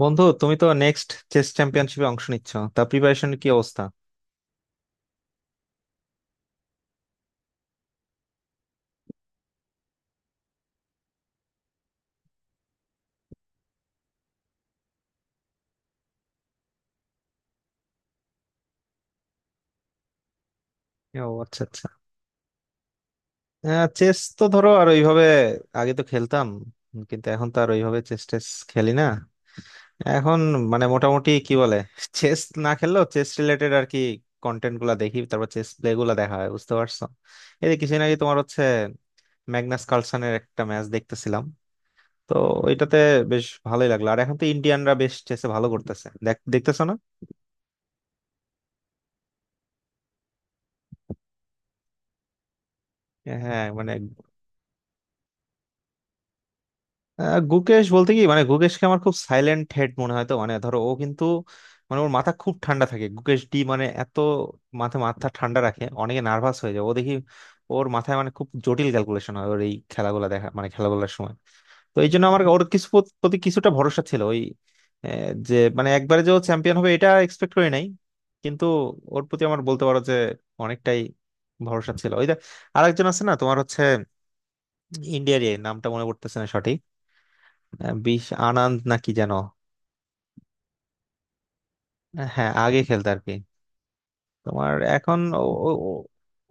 বন্ধু, তুমি তো নেক্সট চেস চ্যাম্পিয়নশিপে অংশ নিচ্ছ, তা প্রিপারেশন কি অবস্থা? ও আচ্ছা আচ্ছা। চেস তো ধরো আর ওইভাবে আগে তো খেলতাম। কিন্তু এখন তো আর ওইভাবে চেস টেস খেলি না এখন। মানে মোটামুটি কি বলে, চেস না খেললেও চেস রিলেটেড আর কি কন্টেন্ট গুলা দেখি, তারপর চেস প্লে গুলা দেখা হয়, বুঝতে পারছো? এই যে কিছুদিন আগে তোমার হচ্ছে ম্যাগনাস কার্লসেনের একটা ম্যাচ দেখতেছিলাম, তো ওইটাতে বেশ ভালোই লাগলো। আর এখন তো ইন্ডিয়ানরা বেশ চেসে ভালো করতেছে, দেখ দেখতেছো না? হ্যাঁ মানে। গুকেশ বলতে কি, মানে গুকেশকে আমার খুব সাইলেন্ট হেড মনে হয় তো, মানে ধরো ও কিন্তু মানে ওর মাথা খুব ঠান্ডা থাকে। গুকেশ ডি মানে এত মাথা মাথা ঠান্ডা রাখে, অনেকে নার্ভাস হয়ে যায়, ও দেখি ওর মাথায় মানে খুব জটিল ক্যালকুলেশন হয় ওর এই খেলাগুলো দেখা মানে খেলাগুলোর সময়। তো এই জন্য আমার ওর কিছু প্রতি কিছুটা ভরসা ছিল ওই। যে মানে একবারে যে ও চ্যাম্পিয়ন হবে এটা এক্সপেক্ট করি নাই, কিন্তু ওর প্রতি আমার বলতে পারো যে অনেকটাই ভরসা ছিল। ওই যে আরেকজন আছে না তোমার হচ্ছে, ইন্ডিয়ারই, নামটা মনে পড়তেছে না সঠিক। বিশ আনন্দ নাকি যেন। হ্যাঁ, আগে খেলতো আর কি। তোমার এখন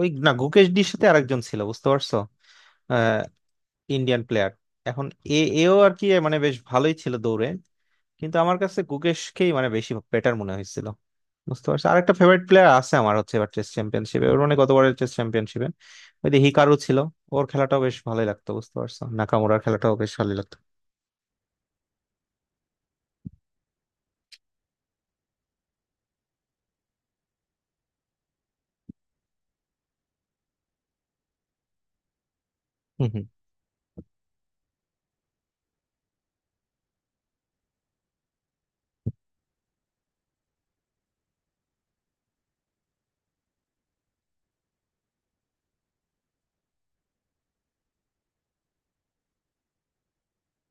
ওই না, গুকেশ ডির সাথে আরেকজন ছিল, বুঝতে পারছো? আহ, ইন্ডিয়ান প্লেয়ার এখন, এ এও আর কি মানে বেশ ভালোই ছিল দৌড়ে। কিন্তু আমার কাছে গুকেশকেই মানে বেশি বেটার মনে হয়েছিল, বুঝতে পারছো? আরেকটা ফেভারিট প্লেয়ার আছে আমার হচ্ছে, এবার টেস্ট চ্যাম্পিয়নশিপে ওর মানে গতবারের টেস্ট চ্যাম্পিয়নশিপে ওই যে হিকারু ছিল, ওর খেলাটাও বেশ ভালোই লাগতো। বুঝতে পারছো, নাকামুরার খেলাটাও বেশ ভালোই লাগতো। হম হম।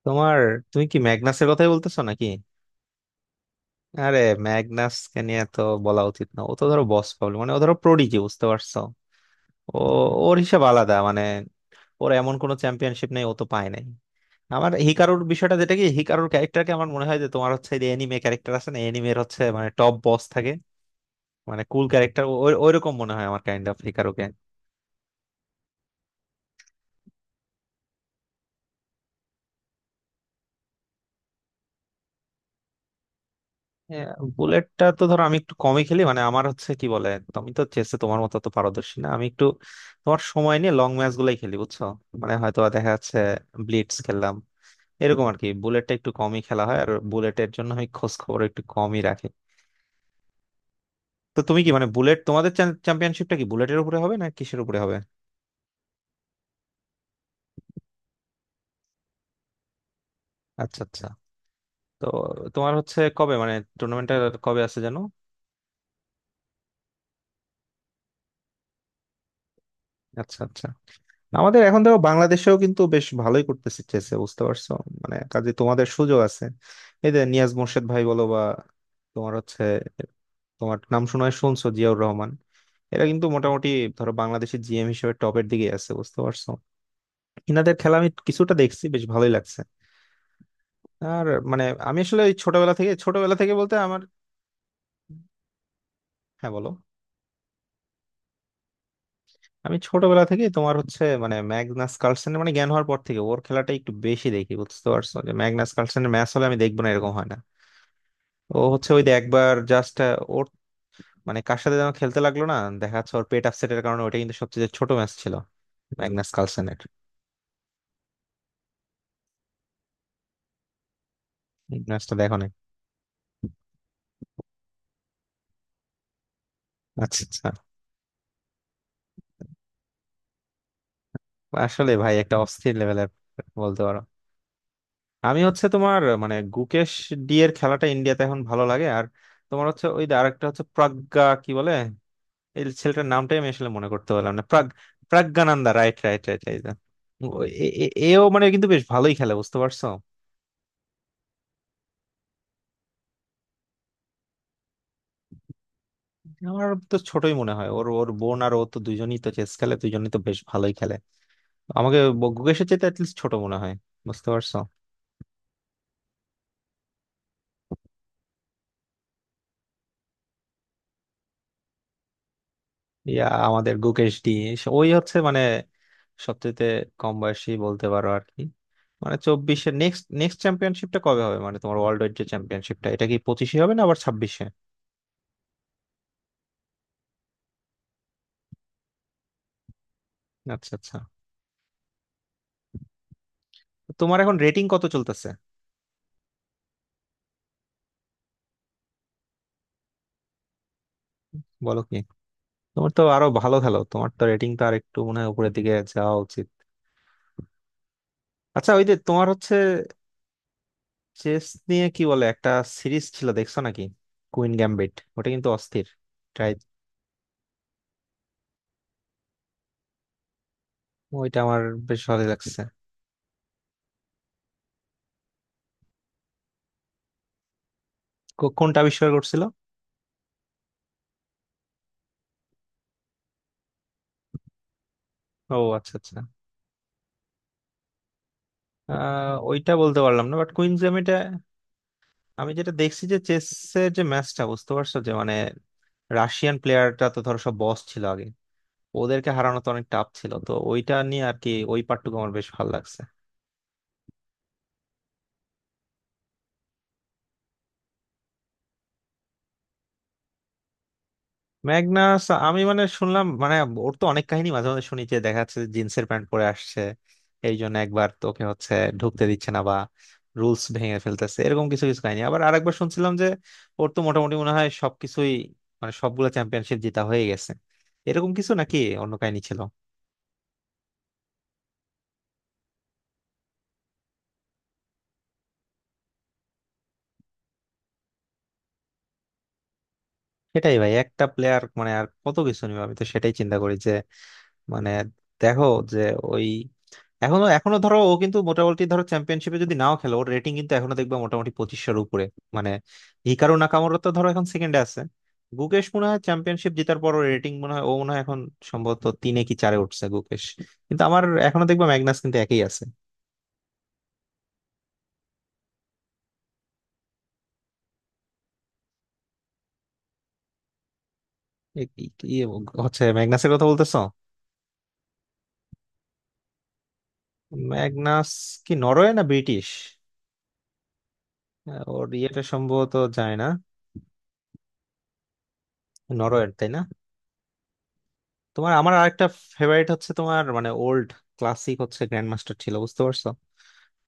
তোমার, তুমি কি ম্যাগনাসের কথাই বলতেছো নাকি? আরে, ম্যাগনাসকে নিয়ে তো বলা উচিত না, ও তো ধরো বস প্রবলেম, মানে ও ধরো প্রোডিজি, বুঝতে পারছো? ও, ওর হিসাব আলাদা মানে। ওর এমন কোনো চ্যাম্পিয়নশিপ নেই ও তো পায় নাই। আমার হিকারুর বিষয়টা যেটা কি, হিকারুর ক্যারেক্টারকে আমার মনে হয় যে তোমার হচ্ছে যে এনিমে ক্যারেক্টার আছে না, এনিমের হচ্ছে মানে টপ বস থাকে, মানে কুল ক্যারেক্টার, ওই রকম মনে হয় আমার কাইন্ড অফ হিকারুকে। হ্যাঁ, বুলেটটা তো ধরো আমি একটু কমই খেলি, মানে আমার হচ্ছে কি বলে, তুমি তো চেসে তোমার মতো তো পারদর্শী না আমি, একটু তোমার সময় নিয়ে লং ম্যাচ গুলাই খেলি, বুঝছো? মানে হয়তো দেখা যাচ্ছে ব্লিটজ খেললাম এরকম আর কি। বুলেটটা একটু কমই খেলা হয় আর বুলেটের জন্য আমি খোঁজ খবর একটু কমই রাখি। তো তুমি কি মানে বুলেট তোমাদের চ্যাম্পিয়নশিপটা কি বুলেটের উপরে হবে না কিসের উপরে হবে? আচ্ছা আচ্ছা। তো তোমার হচ্ছে কবে মানে টুর্নামেন্টটা কবে আছে, জানো? আচ্ছা আচ্ছা। আমাদের এখন দেখো বাংলাদেশেও কিন্তু বেশ ভালোই করতেছে চেসে, বুঝতে পারছো? মানে কাজে তোমাদের সুযোগ আছে। এই যে নিয়াজ মোর্শেদ ভাই বলো বা তোমার হচ্ছে, তোমার নাম শোনায় শুনছো, জিয়াউর রহমান, এরা কিন্তু মোটামুটি ধরো বাংলাদেশের জিএম হিসেবে টপের দিকে আছে, বুঝতে পারছো? ইনাদের খেলা আমি কিছুটা দেখছি, বেশ ভালোই লাগছে। আর মানে আমি আসলে ওই ছোটবেলা থেকে বলতে আমার। হ্যাঁ বলো। আমি ছোটবেলা থেকে তোমার হচ্ছে মানে ম্যাগনাস কার্লসেনের মানে জ্ঞান হওয়ার পর থেকে ওর খেলাটা একটু বেশি দেখি, বুঝতে পারছো, যে ম্যাগনাস কার্লসেনের ম্যাচ হলে আমি দেখবো না এরকম হয় না। ও হচ্ছে ওই যে একবার জাস্ট ওর মানে কার সাথে যেন খেলতে লাগলো না, দেখা যাচ্ছে ওর পেট আপসেটের কারণে, ওটা কিন্তু সবচেয়ে ছোট ম্যাচ ছিল ম্যাগনাস কার্লসেনের। ম্যাচটা দেখো না। আচ্ছা আচ্ছা। আসলে ভাই একটা অস্থির লেভেলের বলতে পারো। আমি হচ্ছে তোমার মানে গুকেশ ডি এর খেলাটা ইন্ডিয়াতে এখন ভালো লাগে। আর তোমার হচ্ছে ওই যে আরেকটা হচ্ছে প্রজ্ঞা, কি বলে, এই ছেলেটার নামটাই আমি আসলে মনে করতে পারলাম না, Pragg, Praggnanandhaa, right right right right. এও মানে কিন্তু বেশ ভালোই খেলে, বুঝতে পারছো? আমার তো ছোটই মনে হয়, ওর, ওর বোন আর ও তো দুজনই তো চেস খেলে, দুজনই তো বেশ ভালোই খেলে। আমাকে গুকেশের চেয়ে অ্যাটলিস্ট ছোট মনে হয়, বুঝতে পারছো? ইয়া, আমাদের গুকেশ ডি, ওই হচ্ছে মানে সবচেয়ে কম বয়সী বলতে পারো আর কি। মানে চব্বিশে, নেক্সট নেক্সট চ্যাম্পিয়নশিপটা কবে হবে মানে তোমার ওয়ার্ল্ড ওয়াইড যে চ্যাম্পিয়নশিপটা, এটা কি পঁচিশে হবে না আবার ছাব্বিশে? আচ্ছা আচ্ছা। তো তোমার এখন রেটিং কত চলতেছে? বলো কি! তোমার তো আরো ভালো খেলো, তোমার তো রেটিং তো আর একটু মনে হয় উপরের দিকে যাওয়া উচিত। আচ্ছা, ওই যে তোমার হচ্ছে চেস নিয়ে কি বলে একটা সিরিজ ছিল, দেখছো নাকি, কুইন গ্যাম্বিট? ওটা কিন্তু অস্থির। ট্রাই। ওইটা আমার বেশ ভালো লাগছে। কোনটা আবিষ্কার করছিল? ও আচ্ছা আচ্ছা। আহ, ওইটা বলতে পারলাম না, বাট কুইন গ্যাম্বিটে আমি যেটা দেখছি যে চেসের যে ম্যাচটা, বুঝতে পারছো, যে মানে রাশিয়ান প্লেয়ারটা তো ধরো সব বস ছিল আগে, ওদেরকে হারানো তো অনেক টাফ ছিল, তো ওইটা নিয়ে আর কি, ওই পার্টটুকু আমার বেশ ভালো লাগছে। ম্যাগনাস আমি মানে শুনলাম মানে ওর তো অনেক কাহিনী মাঝে মাঝে শুনি, যে দেখা যাচ্ছে জিন্সের প্যান্ট পরে আসছে, এই জন্য একবার তোকে হচ্ছে ঢুকতে দিচ্ছে না, বা রুলস ভেঙে ফেলতেছে, এরকম কিছু কিছু কাহিনী। আবার আরেকবার শুনছিলাম যে ওর তো মোটামুটি মনে হয় সবকিছুই মানে সবগুলো চ্যাম্পিয়নশিপ জেতা হয়ে গেছে, এরকম কিছু নাকি অন্য কাহিনী ছিল। সেটাই ভাই, একটা প্লেয়ার মানে আর কত কিছু নিবে, আমি তো সেটাই চিন্তা করি যে মানে দেখো, যে ওই এখনো এখনো ধরো ও কিন্তু মোটামুটি ধরো চ্যাম্পিয়নশিপে যদি নাও খেলে ওর রেটিং কিন্তু এখনো দেখবে মোটামুটি পঁচিশশোর উপরে, মানে হিকারু নাকামোরা তো ধরো এখন সেকেন্ডে আছে, গুকেশ মনে হয় চ্যাম্পিয়নশিপ জেতার পর রেটিং মনে হয় ও মনে হয় এখন সম্ভবত তিনে কি চারে উঠছে গুকেশ, কিন্তু আমার এখনো দেখবো ম্যাগনাস কিন্তু একই আছে। এ কি কি হচ্ছে, ম্যাগনাসের কথা বলতেছো? ম্যাগনাস কি নরওয়ে না ব্রিটিশ? ওর ইয়েটা সম্ভবত যায় না। নরওয়ের, তাই না? তোমার আমার আরেকটা ফেভারিট হচ্ছে, তোমার মানে ওল্ড ক্লাসিক হচ্ছে গ্র্যান্ড মাস্টার ছিল, বুঝতে পারছো?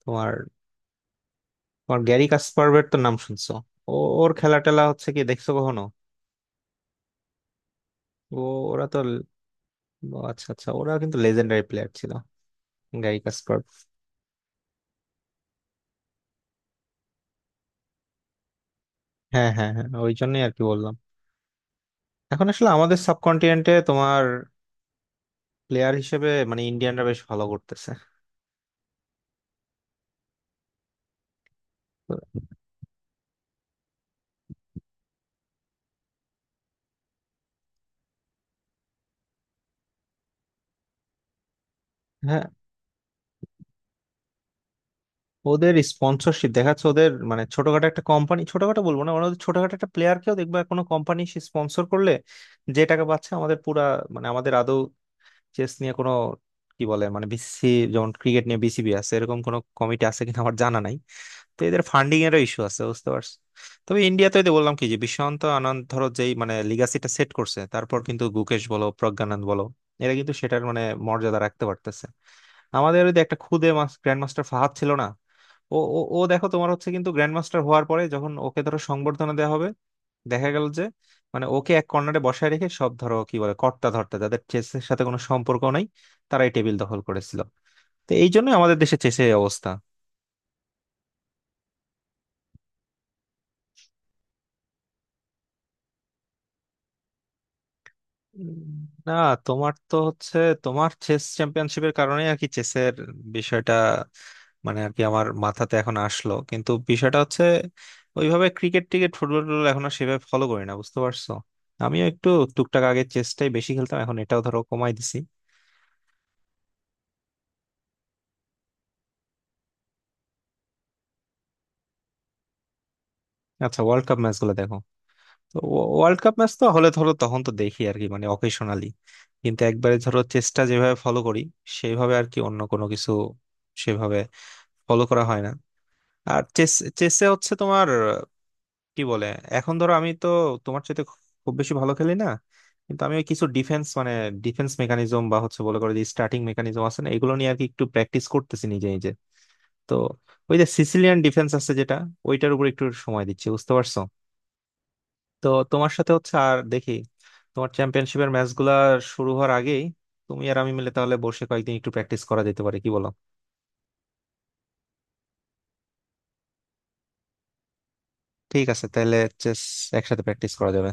তোমার, তোমার গ্যারি কাসপারভের তো নাম শুনছো? ও, ওর খেলা টেলা হচ্ছে কি দেখছো কখনো? ও, ওরা তো ও আচ্ছা আচ্ছা, ওরা কিন্তু লেজেন্ডারি প্লেয়ার ছিল, গ্যারি কাসপার। হ্যাঁ হ্যাঁ হ্যাঁ, ওই জন্যই আর কি বললাম। এখন আসলে আমাদের সাবকন্টিনেন্টে তোমার প্লেয়ার হিসেবে মানে ইন্ডিয়ানরা বেশ ভালো করতেছে। তো, হ্যাঁ, ওদের স্পন্সরশিপ দেখাচ্ছে, ওদের মানে ছোটখাটো একটা কোম্পানি, ছোটখাটো বলবো না মানে ওদের ছোটখাটো একটা প্লেয়ারকেও দেখবা কোনো কোম্পানি সে স্পন্সর করলে, যে টাকা পাচ্ছে। আমাদের পুরা মানে আমাদের আদৌ চেস নিয়ে কোনো কি বলে মানে বিসিসি, যেমন ক্রিকেট নিয়ে বিসিবি আছে, এরকম কোনো কমিটি আছে কিনা আমার জানা নাই। তো এদের ফান্ডিং এরও ইস্যু আছে, বুঝতে পারছো? তবে ইন্ডিয়াতে ওই যে বললাম কি যে বিশ্বন্ত আনন্দ ধরো যেই মানে লিগাসিটা সেট করছে, তারপর কিন্তু গুকেশ বলো প্রজ্ঞানন্দ বলো, এরা কিন্তু সেটার মানে মর্যাদা রাখতে পারতেছে। আমাদের ওই যে একটা খুদে গ্র্যান্ড মাস্টার ফাহাদ ছিল না, ও, ও, ও দেখো তোমার হচ্ছে কিন্তু গ্র্যান্ড মাস্টার হওয়ার পরে যখন ওকে ধরো সংবর্ধনা দেওয়া হবে, দেখা গেল যে মানে ওকে এক কর্নারে বসায় রেখে সব ধরো কি বলে কর্তা ধর্তা যাদের চেসের সাথে কোনো সম্পর্ক নাই, তারাই টেবিল দখল করেছিল। তো এই জন্য আমাদের দেশে চেসের এই অবস্থা। উম, না, তোমার তো হচ্ছে তোমার চেস চ্যাম্পিয়নশিপের কারণেই আর কি চেসের বিষয়টা মানে আর কি আমার মাথাতে এখন আসলো, কিন্তু বিষয়টা হচ্ছে ওইভাবে ক্রিকেট টিকেট ফুটবল টুটবল এখন আর সেভাবে ফলো করি না, বুঝতে পারছো? আমিও একটু টুকটাক আগে চেসটাই বেশি খেলতাম, এখন এটাও ধরো কমাই দিছি। আচ্ছা, ওয়ার্ল্ড কাপ ম্যাচ গুলো দেখো। তো ওয়ার্ল্ড কাপ ম্যাচ তো হলে ধরো তখন তো দেখি আর কি, মানে অকেশনালি, কিন্তু একবারে ধরো চেসটা যেভাবে ফলো করি সেইভাবে আর কি অন্য কোনো কিছু সেভাবে ফলো করা হয় না। আর চেস, চেসে হচ্ছে তোমার, কি বলে, এখন ধরো আমি তো তোমার চাইতে খুব বেশি ভালো খেলি না, কিন্তু আমি ওই কিছু ডিফেন্স মানে ডিফেন্স মেকানিজম বা হচ্ছে বলে করে যে স্টার্টিং মেকানিজম আছে না, এগুলো নিয়ে আর কি একটু প্র্যাকটিস করতেছি নিজে নিজে। তো ওই যে সিসিলিয়ান ডিফেন্স আছে যেটা, ওইটার উপর একটু সময় দিচ্ছি, বুঝতে পারছো? তো তোমার সাথে হচ্ছে আর দেখি তোমার চ্যাম্পিয়নশিপের ম্যাচগুলা শুরু হওয়ার আগেই তুমি আর আমি মিলে তাহলে বসে কয়েকদিন একটু প্র্যাকটিস করা যেতে পারে, কি বলো? ঠিক আছে তাহলে, চেস একসাথে প্র্যাকটিস করা যাবে।